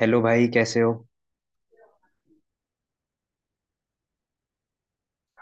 Hello भाई, कैसे हो।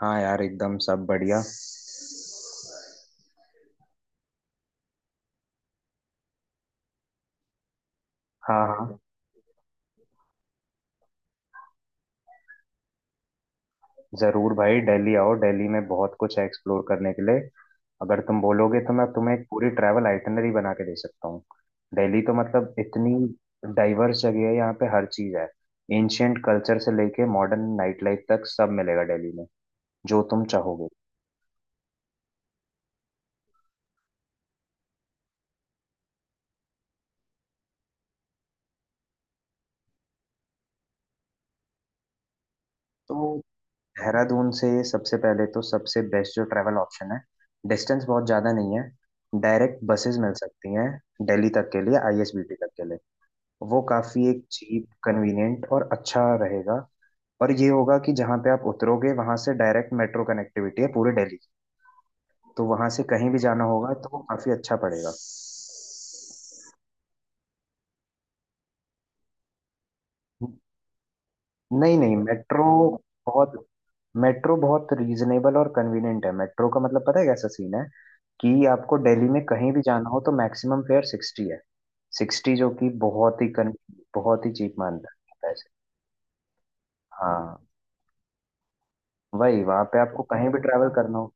हाँ यार, एकदम सब बढ़िया। हाँ, हाँ। जरूर भाई, दिल्ली आओ। दिल्ली में बहुत कुछ है एक्सप्लोर करने के लिए। अगर तुम बोलोगे तो मैं तुम्हें एक पूरी ट्रैवल आइटनरी बना के दे सकता हूँ। दिल्ली तो मतलब इतनी डाइवर्स जगह है, यहाँ पे हर चीज़ है। एंशियंट कल्चर से लेके मॉडर्न नाइट लाइफ तक सब मिलेगा दिल्ली में, जो तुम चाहोगे। तो देहरादून से सबसे पहले तो सबसे बेस्ट जो ट्रैवल ऑप्शन है, डिस्टेंस बहुत ज़्यादा नहीं है, डायरेक्ट बसेस मिल सकती हैं दिल्ली तक के लिए, आईएसबीटी तक के लिए। वो काफ़ी एक चीप, कन्वीनियंट और अच्छा रहेगा। और ये होगा कि जहाँ पे आप उतरोगे वहाँ से डायरेक्ट मेट्रो कनेक्टिविटी है पूरे दिल्ली की। तो वहाँ से कहीं भी जाना होगा तो वो काफ़ी अच्छा पड़ेगा। नहीं नहीं, बहुत मेट्रो बहुत रीजनेबल और कन्वीनियंट है। मेट्रो का मतलब पता है कैसा सीन है, कि आपको दिल्ली में कहीं भी जाना हो तो मैक्सिमम फेयर 60 है। 60, जो कि बहुत ही चीप मानता है पैसे। हाँ, वही वहां पे आपको कहीं भी ट्रैवल करना हो।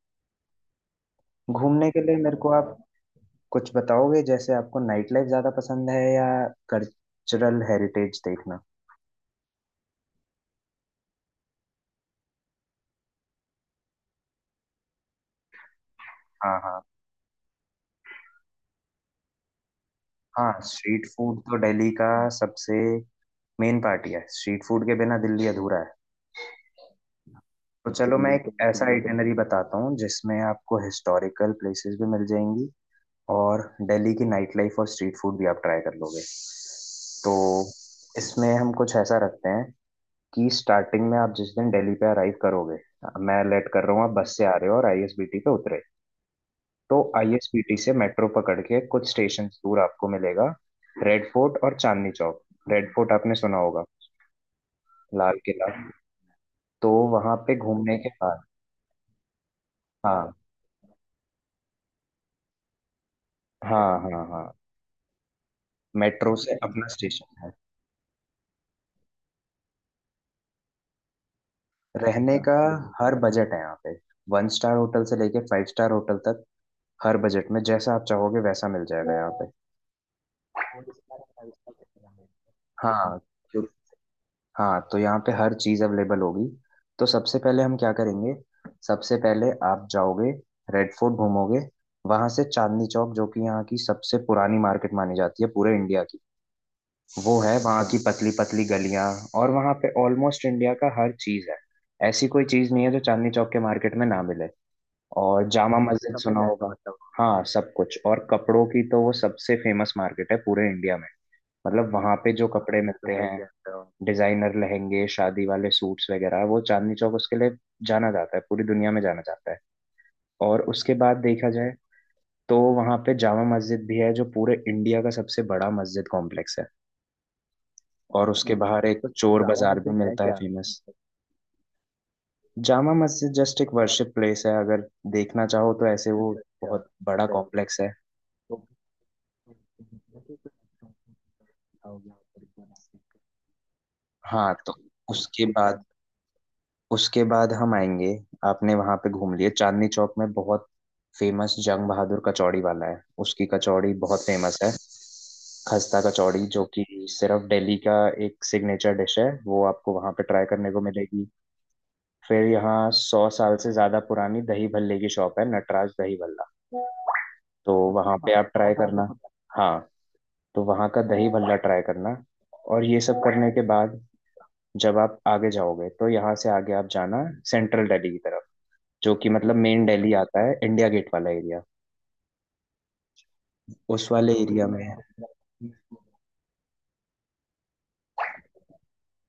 घूमने के लिए मेरे को आप कुछ बताओगे, जैसे आपको नाइट लाइफ ज्यादा पसंद है या कल्चरल हेरिटेज देखना। हाँ, हाँ, हाँ। स्ट्रीट फूड तो दिल्ली का सबसे, मेन पार्टी है, स्ट्रीट फूड के बिना दिल्ली अधूरा है। तो चलो मैं एक ऐसा आइटिनरी बताता हूँ जिसमें आपको हिस्टोरिकल प्लेसेस भी मिल जाएंगी और दिल्ली की नाइट लाइफ और स्ट्रीट फूड भी आप ट्राई कर लोगे। तो इसमें हम कुछ ऐसा रखते हैं कि स्टार्टिंग में आप जिस दिन दिल्ली पे अराइव करोगे, मैं लेट कर रहा हूँ आप बस से आ रहे हो और आईएसबीटी पे उतरे। तो आईएसबीटी से मेट्रो पकड़ के कुछ स्टेशन दूर आपको मिलेगा रेड फोर्ट और चांदनी चौक। रेड फोर्ट आपने सुना होगा, लाल किला। तो वहां पे घूमने के बाद, हाँ, हाँ, हाँ, हाँ, मेट्रो से अपना स्टेशन है। रहने का हर बजट है यहाँ पे। वन स्टार होटल से लेके फाइव स्टार होटल तक हर बजट में जैसा आप चाहोगे वैसा मिल जाएगा यहाँ पे। फोर स्टार फाइव स्टार कितना मिलेगा, हाँ। तो हाँ, तो यहाँ पे हर चीज़ अवेलेबल होगी। तो सबसे पहले हम क्या करेंगे, सबसे पहले आप जाओगे, रेड फोर्ट घूमोगे। वहां से चांदनी चौक, जो कि यहाँ की सबसे पुरानी मार्केट मानी जाती है पूरे इंडिया की। वो है वहाँ की पतली पतली गलियाँ। और वहाँ पे ऑलमोस्ट इंडिया का हर चीज़ है, ऐसी कोई चीज़ नहीं है जो चांदनी चौक के मार्केट में ना मिले। और जामा मस्जिद सुना होगा। हाँ, सब कुछ, और कपड़ों की तो वो सबसे फेमस मार्केट है पूरे इंडिया में। मतलब वहाँ पे जो कपड़े ये तो मिलते हैं, डिजाइनर लहंगे, शादी वाले सूट्स वगैरह, वो चांदनी चौक उसके लिए जाना जाता है, पूरी दुनिया में जाना जाता है। और उसके बाद देखा जाए तो वहाँ पे जामा मस्जिद भी है जो पूरे इंडिया का सबसे बड़ा मस्जिद कॉम्प्लेक्स है। और उसके बाहर एक चोर बाजार भी मिलता है फेमस। जामा मस्जिद जस्ट एक वर्शिप प्लेस है, अगर देखना चाहो तो ऐसे वो अच्छा बहुत बड़ा कॉम्प्लेक्स है। हाँ, तो उसके बाद उसके बाद हम आएंगे। आपने वहां पे घूम लिए चांदनी चौक में, बहुत फेमस जंग बहादुर कचौड़ी वाला है, उसकी कचौड़ी बहुत फेमस है। खस्ता कचौड़ी जो कि सिर्फ दिल्ली का एक सिग्नेचर डिश है, वो आपको वहां पे ट्राई करने को मिलेगी। फिर यहाँ 100 साल से ज्यादा पुरानी दही भल्ले की शॉप है, नटराज दही भल्ला। तो वहां पे आप ट्राई करना। हाँ, तो वहाँ का दही भल्ला ट्राई करना। और ये सब करने के बाद जब आप आगे जाओगे तो यहाँ से आगे आप जाना सेंट्रल दिल्ली की तरफ, जो कि मतलब मेन दिल्ली आता है, इंडिया गेट वाला एरिया उस वाले एरिया में है।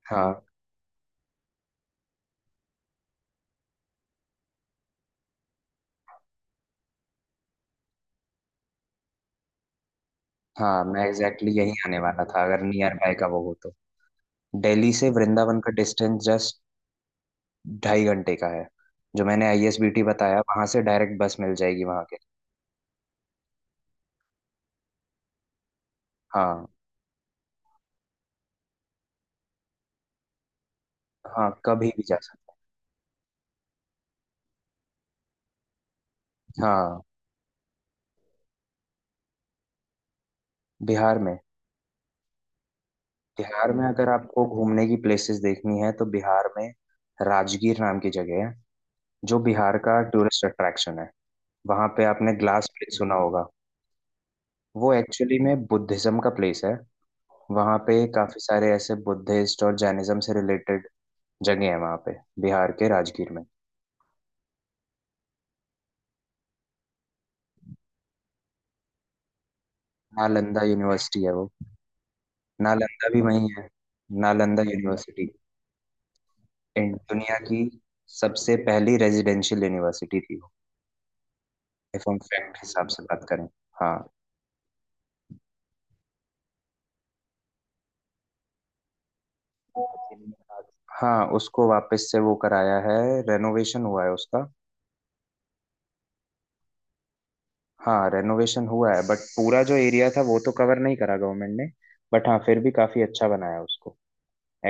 हाँ हाँ, मैं एग्जैक्टली यही आने वाला था, अगर नियर बाय का वो हो तो। दिल्ली से वृंदावन का डिस्टेंस जस्ट 2.5 घंटे का है। जो मैंने आईएसबीटी बताया वहां से डायरेक्ट बस मिल जाएगी वहां के। हाँ, हाँ, कभी भी जा सकते हैं। हाँ, बिहार में बिहार में, अगर आपको घूमने की प्लेसेस देखनी है तो बिहार में राजगीर नाम की जगह है जो बिहार का टूरिस्ट अट्रैक्शन है। वहां पे आपने ग्लास प्लेस सुना होगा। वो एक्चुअली में बुद्धिज्म का प्लेस है। वहां पे काफी सारे ऐसे बुद्धिस्ट और जैनिज्म से रिलेटेड जगह है वहां पे, बिहार के राजगीर में। नालंदा यूनिवर्सिटी है वो, नालंदा भी वही है, नालंदा यूनिवर्सिटी। दुनिया की सबसे पहली रेजिडेंशियल यूनिवर्सिटी थी वो, इफ हम फैक्ट हिसाब से बात करें। हाँ, हाँ, उसको वापस से वो कराया है, रेनोवेशन हुआ है उसका। हाँ, रेनोवेशन हुआ है, बट पूरा जो एरिया था वो तो कवर नहीं करा गवर्नमेंट ने, बट हाँ फिर भी काफी अच्छा बनाया उसको।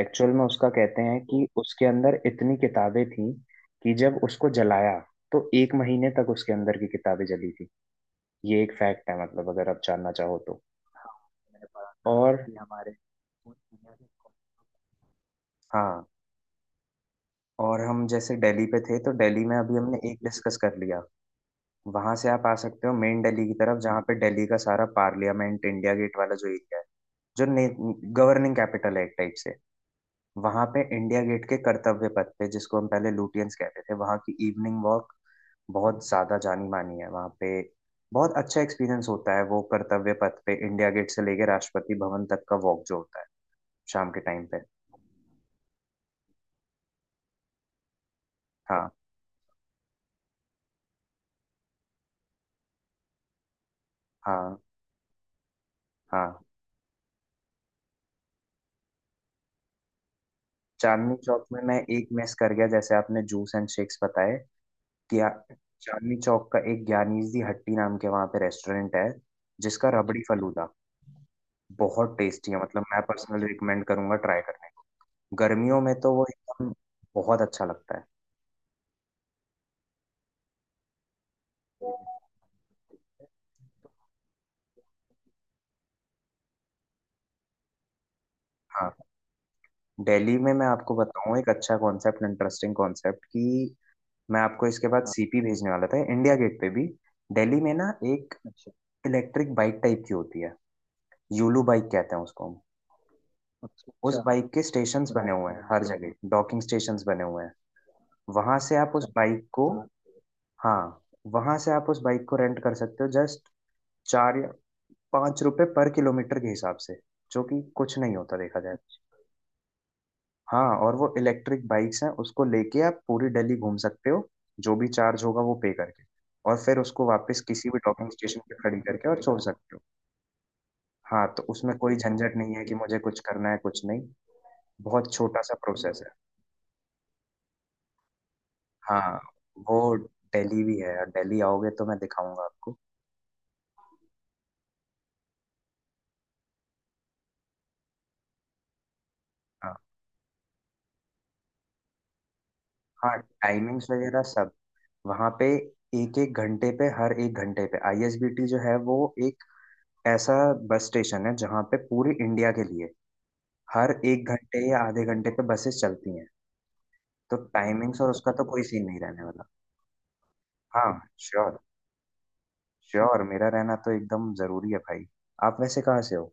एक्चुअल में उसका कहते हैं कि उसके अंदर इतनी किताबें थी कि जब उसको जलाया तो एक महीने तक उसके अंदर की किताबें जली थी। ये एक फैक्ट है, मतलब अगर आप जानना चाहो तो। हाँ, मैंने पढ़ा था और कि हमारे पूरी दुनिया के कॉन्टिनेंट। हाँ, और हम जैसे दिल्ली पे थे तो दिल्ली में अभी हमने एक डिस्कस कर लिया। वहां से आप आ सकते हो मेन दिल्ली की तरफ, जहाँ पे दिल्ली का सारा पार्लियामेंट, इंडिया गेट वाला जो एरिया है, जो गवर्निंग कैपिटल है एक टाइप से। वहां पे इंडिया गेट के कर्तव्य पथ पे, जिसको हम पहले लुटियंस कहते थे, वहां की इवनिंग वॉक बहुत ज्यादा जानी मानी है वहां पे। बहुत अच्छा एक्सपीरियंस होता है, वो कर्तव्य पथ पे इंडिया गेट से लेके राष्ट्रपति भवन तक का वॉक जो होता है शाम के टाइम पे। हाँ, हाँ, हाँ। चांदनी चौक में मैं एक मिस कर गया, जैसे आपने जूस एंड शेक्स बताए कि आ- चांदनी चौक का एक ज्ञानीज दी हट्टी नाम के वहां पे रेस्टोरेंट है, जिसका रबड़ी फलूदा बहुत टेस्टी है, मतलब मैं पर्सनली रिकमेंड करूंगा ट्राई करने। गर्मियों में तो वो एकदम बहुत अच्छा लगता है। हाँ, दिल्ली में मैं आपको बताऊं एक अच्छा कॉन्सेप्ट, इंटरेस्टिंग कॉन्सेप्ट, कि मैं आपको इसके बाद सीपी भेजने वाला था, इंडिया गेट पे भी। दिल्ली में ना एक इलेक्ट्रिक बाइक टाइप की होती है, यूलू बाइक कहते हैं उसको हम। उस बाइक के स्टेशंस बने हुए हैं हर जगह, डॉकिंग स्टेशंस बने हुए हैं। वहां से आप उस बाइक को हाँ, वहां से आप उस बाइक को रेंट कर सकते हो, जस्ट 4 या 5 रुपए पर किलोमीटर के हिसाब से, जो कि कुछ नहीं होता देखा जाए तो। हाँ, और वो इलेक्ट्रिक बाइक्स हैं, उसको लेके आप पूरी दिल्ली घूम सकते हो, जो भी चार्ज होगा वो पे करके। और फिर उसको वापस किसी भी डॉकिंग स्टेशन पे खड़ी करके और छोड़ सकते हो। हाँ, तो उसमें कोई झंझट नहीं है कि मुझे कुछ करना है कुछ नहीं, बहुत छोटा सा प्रोसेस है। हाँ, वो दिल्ली भी है, और दिल्ली आओगे तो मैं दिखाऊंगा आपको। हाँ, हाँ, टाइमिंग्स वगैरह सब, वहाँ पे एक एक घंटे पे हर एक घंटे पे आईएसबीटी जो है वो एक ऐसा बस स्टेशन है जहाँ पे पूरी इंडिया के लिए हर एक घंटे या आधे घंटे पे बसेस चलती हैं। तो टाइमिंग्स और उसका तो कोई सीन नहीं रहने वाला। हाँ, श्योर, श्योर, मेरा रहना तो एकदम जरूरी है भाई। आप वैसे कहाँ से हो।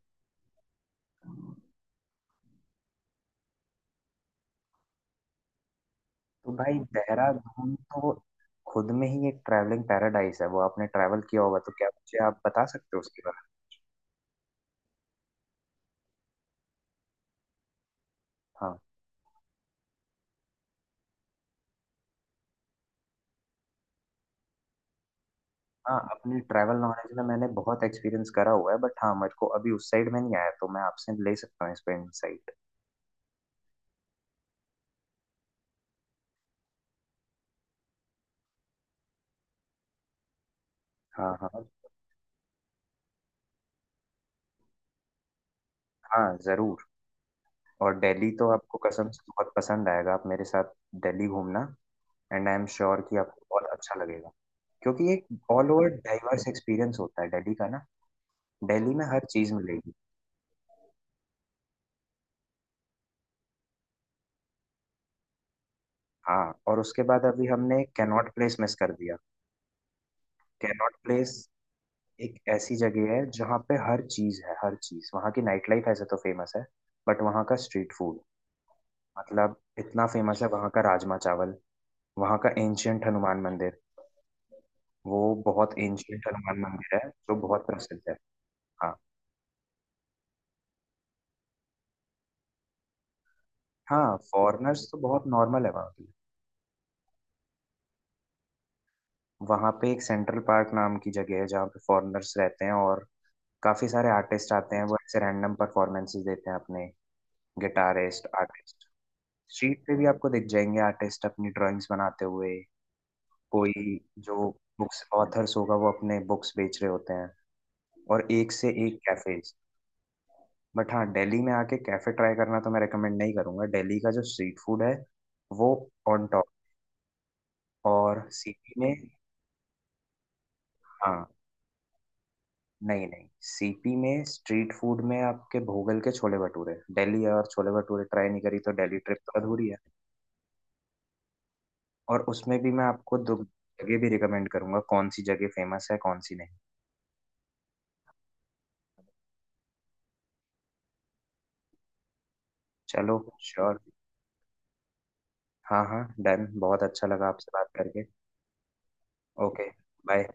तो भाई, देहरादून तो खुद में ही एक ट्रैवलिंग पैराडाइस है, वो आपने ट्रैवल किया होगा तो क्या मुझे आप बता सकते हो उसके बारे में। हाँ, हाँ, अपने ट्रैवल नॉलेज में मैंने बहुत एक्सपीरियंस करा हुआ है, बट हाँ मेरे को अभी उस साइड में नहीं आया, तो मैं आपसे ले सकता हूँ इस पे इनसाइट। हाँ, हाँ, हाँ, जरूर। और दिल्ली तो आपको कसम से तो बहुत पसंद आएगा, आप मेरे साथ दिल्ली घूमना। एंड आई एम श्योर कि आपको बहुत अच्छा लगेगा, क्योंकि एक ऑल ओवर डाइवर्स एक्सपीरियंस होता है दिल्ली का ना, दिल्ली में हर चीज मिलेगी। हाँ, और उसके बाद अभी हमने कैनॉट प्लेस मिस कर दिया। कैनॉट प्लेस एक ऐसी जगह है जहाँ पे हर चीज है, हर चीज, वहाँ की नाइट लाइफ ऐसे तो फेमस है, बट वहाँ का स्ट्रीट फूड, मतलब इतना फेमस है, वहाँ का राजमा चावल, वहाँ का एंशियंट हनुमान मंदिर, वो बहुत एंशियंट हनुमान मंदिर है जो बहुत प्रसिद्ध है। हाँ, हाँ, फॉरेनर्स तो बहुत नॉर्मल है वहाँ पे। वहाँ पे एक सेंट्रल पार्क नाम की जगह है जहाँ पे फॉरेनर्स रहते हैं, और काफी सारे आर्टिस्ट आते हैं, वो ऐसे रैंडम परफॉर्मेंसेस देते हैं अपने, गिटारिस्ट, आर्टिस्ट। स्ट्रीट पे भी आपको दिख जाएंगे आर्टिस्ट अपनी ड्राइंग्स बनाते हुए, कोई जो बुक्स ऑथर्स होगा वो अपने बुक्स बेच रहे होते हैं, और एक से एक कैफेज। बट हाँ, दिल्ली में आके कैफे ट्राई करना तो मैं रेकमेंड नहीं करूंगा, दिल्ली का जो स्ट्रीट फूड है वो ऑन टॉप, और सिटी में, हाँ, नहीं नहीं, सीपी में स्ट्रीट फूड में आपके भोगल के छोले भटूरे, दिल्ली और छोले भटूरे ट्राई नहीं करी तो दिल्ली ट्रिप तो अधूरी है। और उसमें भी मैं आपको दो जगह भी रिकमेंड करूंगा, कौन सी जगह फेमस है कौन सी नहीं। चलो, श्योर, हाँ, हाँ, डन, बहुत अच्छा लगा आपसे बात करके। Okay, bye.